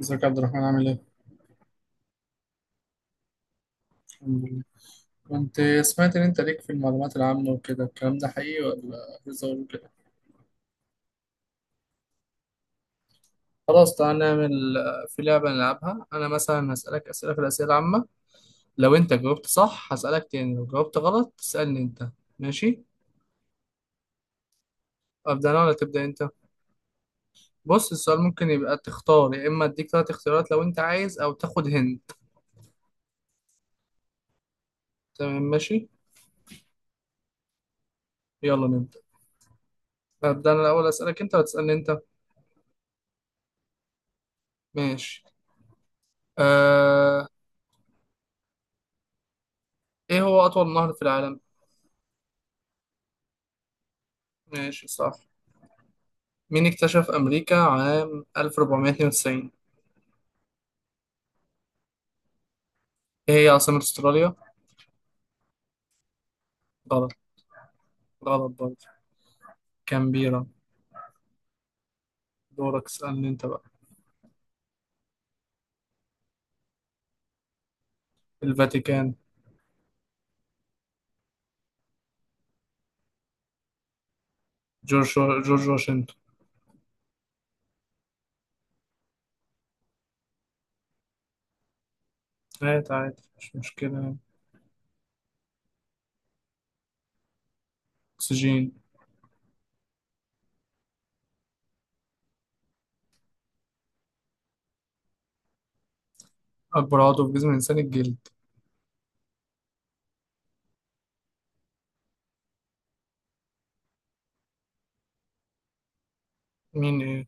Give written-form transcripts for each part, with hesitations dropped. ازيك يا عبد الرحمن عامل ايه؟ الحمد لله. كنت سمعت ان انت ليك في المعلومات العامة وكده، الكلام ده حقيقي ولا هزار وكده؟ خلاص، تعالى نعمل في لعبة نلعبها. أنا مثلا هسألك أسئلة في الأسئلة العامة. لو أنت جاوبت صح هسألك تاني، لو جاوبت غلط تسألني أنت. ماشي؟ أبدأ أنا ولا تبدأ أنت؟ بص، السؤال ممكن يبقى تختار، يا إما أديك تلات اختيارات لو أنت عايز أو تاخد هنت. تمام ماشي؟ يلا نبدأ. أبدأ أنا الأول، أسألك أنت وتسألني أنت. ماشي. آه... إيه هو أطول نهر في العالم؟ ماشي صح. مين اكتشف أمريكا عام 1492؟ إيه هي عاصمة أستراليا؟ غلط. غلط برضه. كامبيرا. دورك، اسألني أنت بقى. الفاتيكان. جورج. جورج واشنطن. عادي عادي، مش مشكلة. أكسجين. أكبر عضو في جسم الإنسان الجلد. مين إيه؟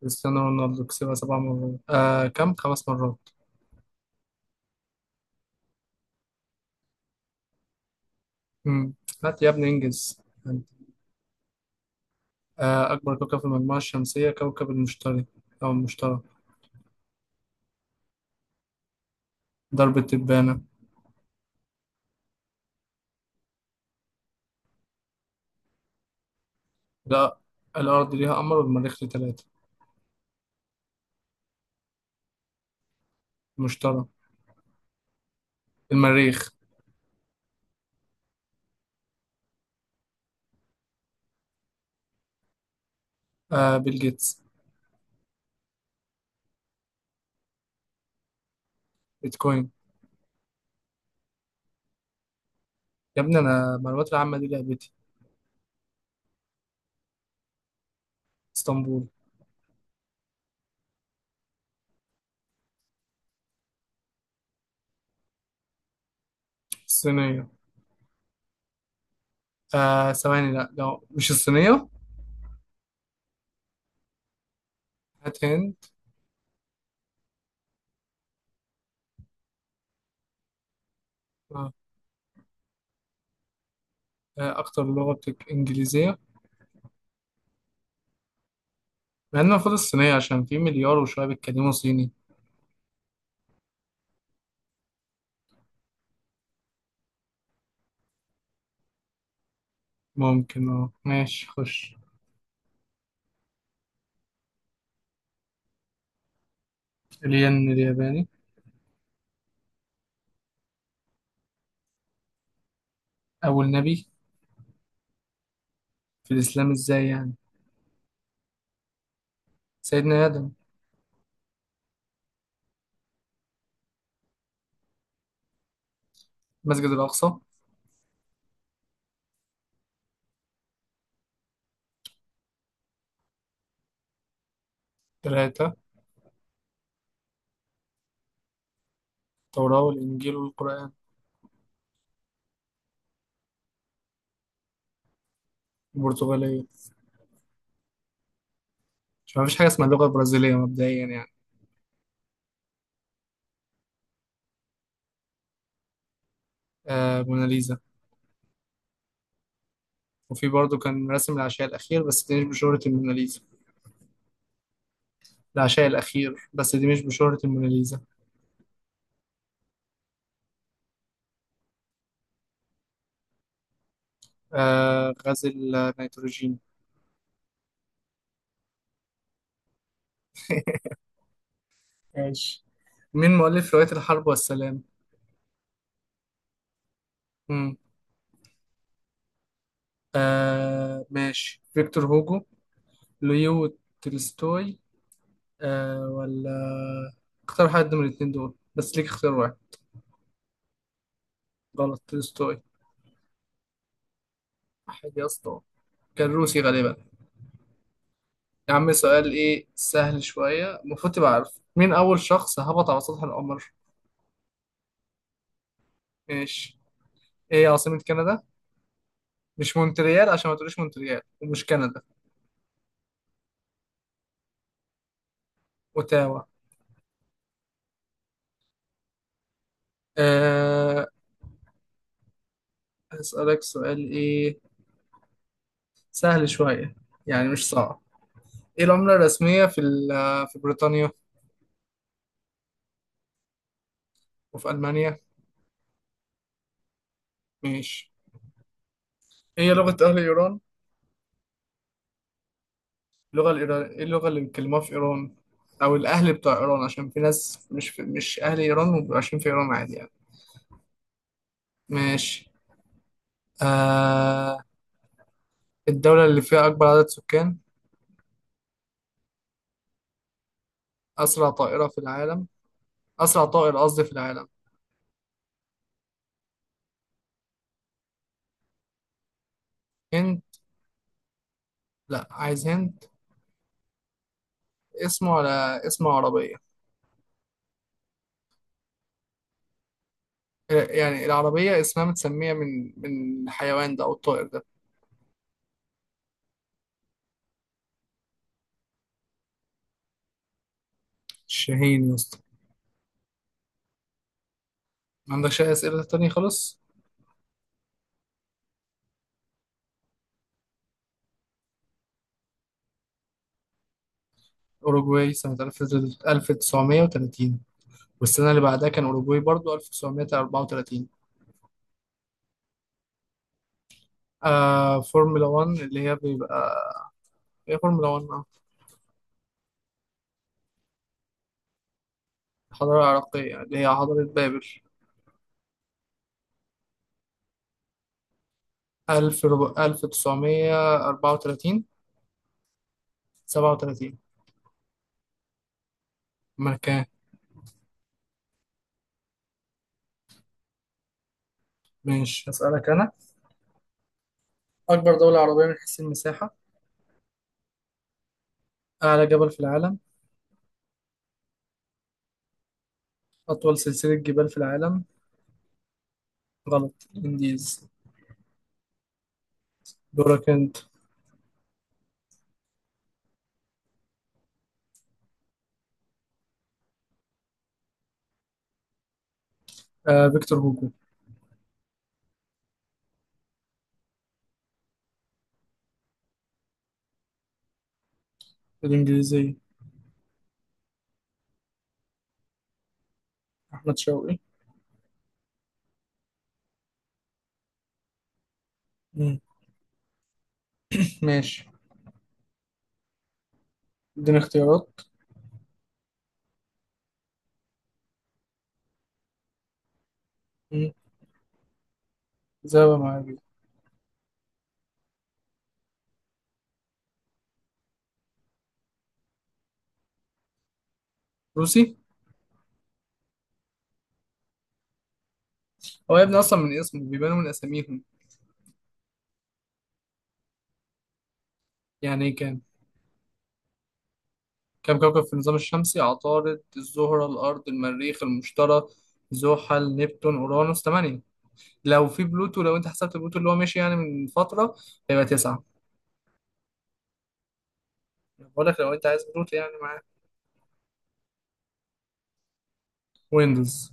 كريستيانو رونالدو كسبها سبع مرات، كم؟ خمس مرات. مم. هات يا ابني، إنجز. أكبر كوكب في المجموعة الشمسية كوكب المشتري، أو المشتري. درب التبانة. لا، الأرض ليها قمر والمريخ ليه تلاتة. مشتري. المريخ. بيل جيتس. بيتكوين. يا ابني انا المعلومات العامه دي لعبتي. اسطنبول. الصينيه. ثواني، لا لو مش الصينيه. هات هند. آه. اكتر لغه انجليزيه. مع ان المفروض الصينيه عشان في مليار وشويه بيتكلموا صيني. ممكن. اه ماشي، خش. الين الياباني. اول نبي. في الاسلام ازاي يعني؟ سيدنا ادم. مسجد الاقصى. ثلاثه. التوراه والانجيل والقران. البرتغاليه. مش، مفيش حاجه اسمها اللغه البرازيليه مبدئيا يعني. موناليزا. وفي برضه كان رسم العشاء الأخير بس دي مش بشهرة الموناليزا. العشاء الأخير بس دي مش بشهرة الموناليزا. غزل. نيتروجين. ماشي. مين مؤلف رواية الحرب والسلام؟ مم. ماشي، فيكتور هوجو، ليو تولستوي. ولا اختار حد من الاتنين دول بس، ليك اختيار واحد. غلط، تولستوي. حاجة يا اسطى، كان روسي غالبا. يا عم سؤال ايه سهل شوية المفروض تبقى عارف. مين أول شخص هبط على سطح القمر؟ ماشي. ايه عاصمة كندا؟ مش مونتريال، عشان ما تقوليش مونتريال ومش كندا. اوتاوا. أه. هسألك سؤال ايه سهل شوية، يعني مش صعب. ايه العملة الرسمية في بريطانيا؟ وفي ألمانيا؟ ماشي. ايه لغة أهل إيران؟ اللغة الإيران ايه؟ اللغة اللي بيتكلموها في إيران، أو الأهل بتوع إيران، عشان في ناس مش أهل إيران وبيبقوا عايشين في إيران عادي يعني. ماشي. أه الدولة اللي فيها أكبر عدد سكان. أسرع طائرة في العالم. أسرع طائر قصدي في العالم. هند. لا عايز هند. اسمه على اسم عربية. يعني العربية اسمها متسمية من الحيوان ده أو الطائر ده. الشاهين يا اسطى. ما عندكش أي أسئلة تانية خالص. أوروجواي سنة 1930، والسنة اللي بعدها كان أوروجواي برضو 1934. فورمولا 1 اللي هي بيبقى. هي فورمولا 1، الحضارة العراقية يعني، اللي هي حضارة بابل. 1000. 1934. 37. ما كان. ماشي، أسألك أنا. أكبر دولة عربية من حيث المساحة. أعلى جبل في العالم. أطول سلسلة جبال في العالم. غلط، إنديز. دورك أنت. فيكتور هوجو. الإنجليزية. أحمد شوقي. مم. ماشي. إديني اختيارات. مم. زي ما معايا. روسي. هو يا ابني أصلا من اسمه بيبانوا من أساميهم. يعني إيه كام؟ كام كوكب في النظام الشمسي. عطارد، الزهرة، الأرض، المريخ، المشتري، زحل، نبتون، أورانوس. تمانية. لو في بلوتو، لو أنت حسبت بلوتو اللي هو مشي يعني من فترة، هيبقى تسعة. بقول لك لو انت عايز بلوتو يعني معاك. ويندوز.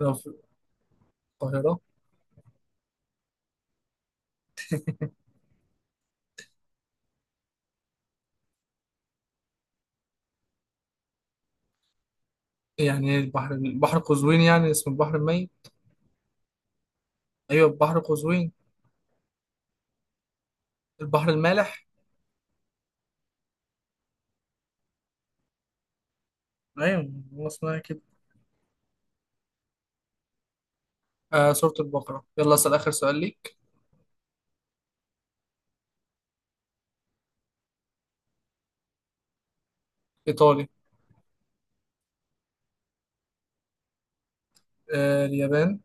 لو في. القاهرة. يعني ايه البحر؟ البحر قزوين يعني اسمه البحر الميت؟ ايوه، البحر قزوين. البحر المالح. ايوه هو اسمها كده. سورة البقرة. يلا، اسأل آخر سؤال ليك. إيطالي. اليابان.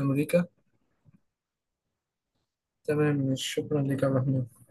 أمريكا. تمام، شكرا لك يا عبد الرحمن.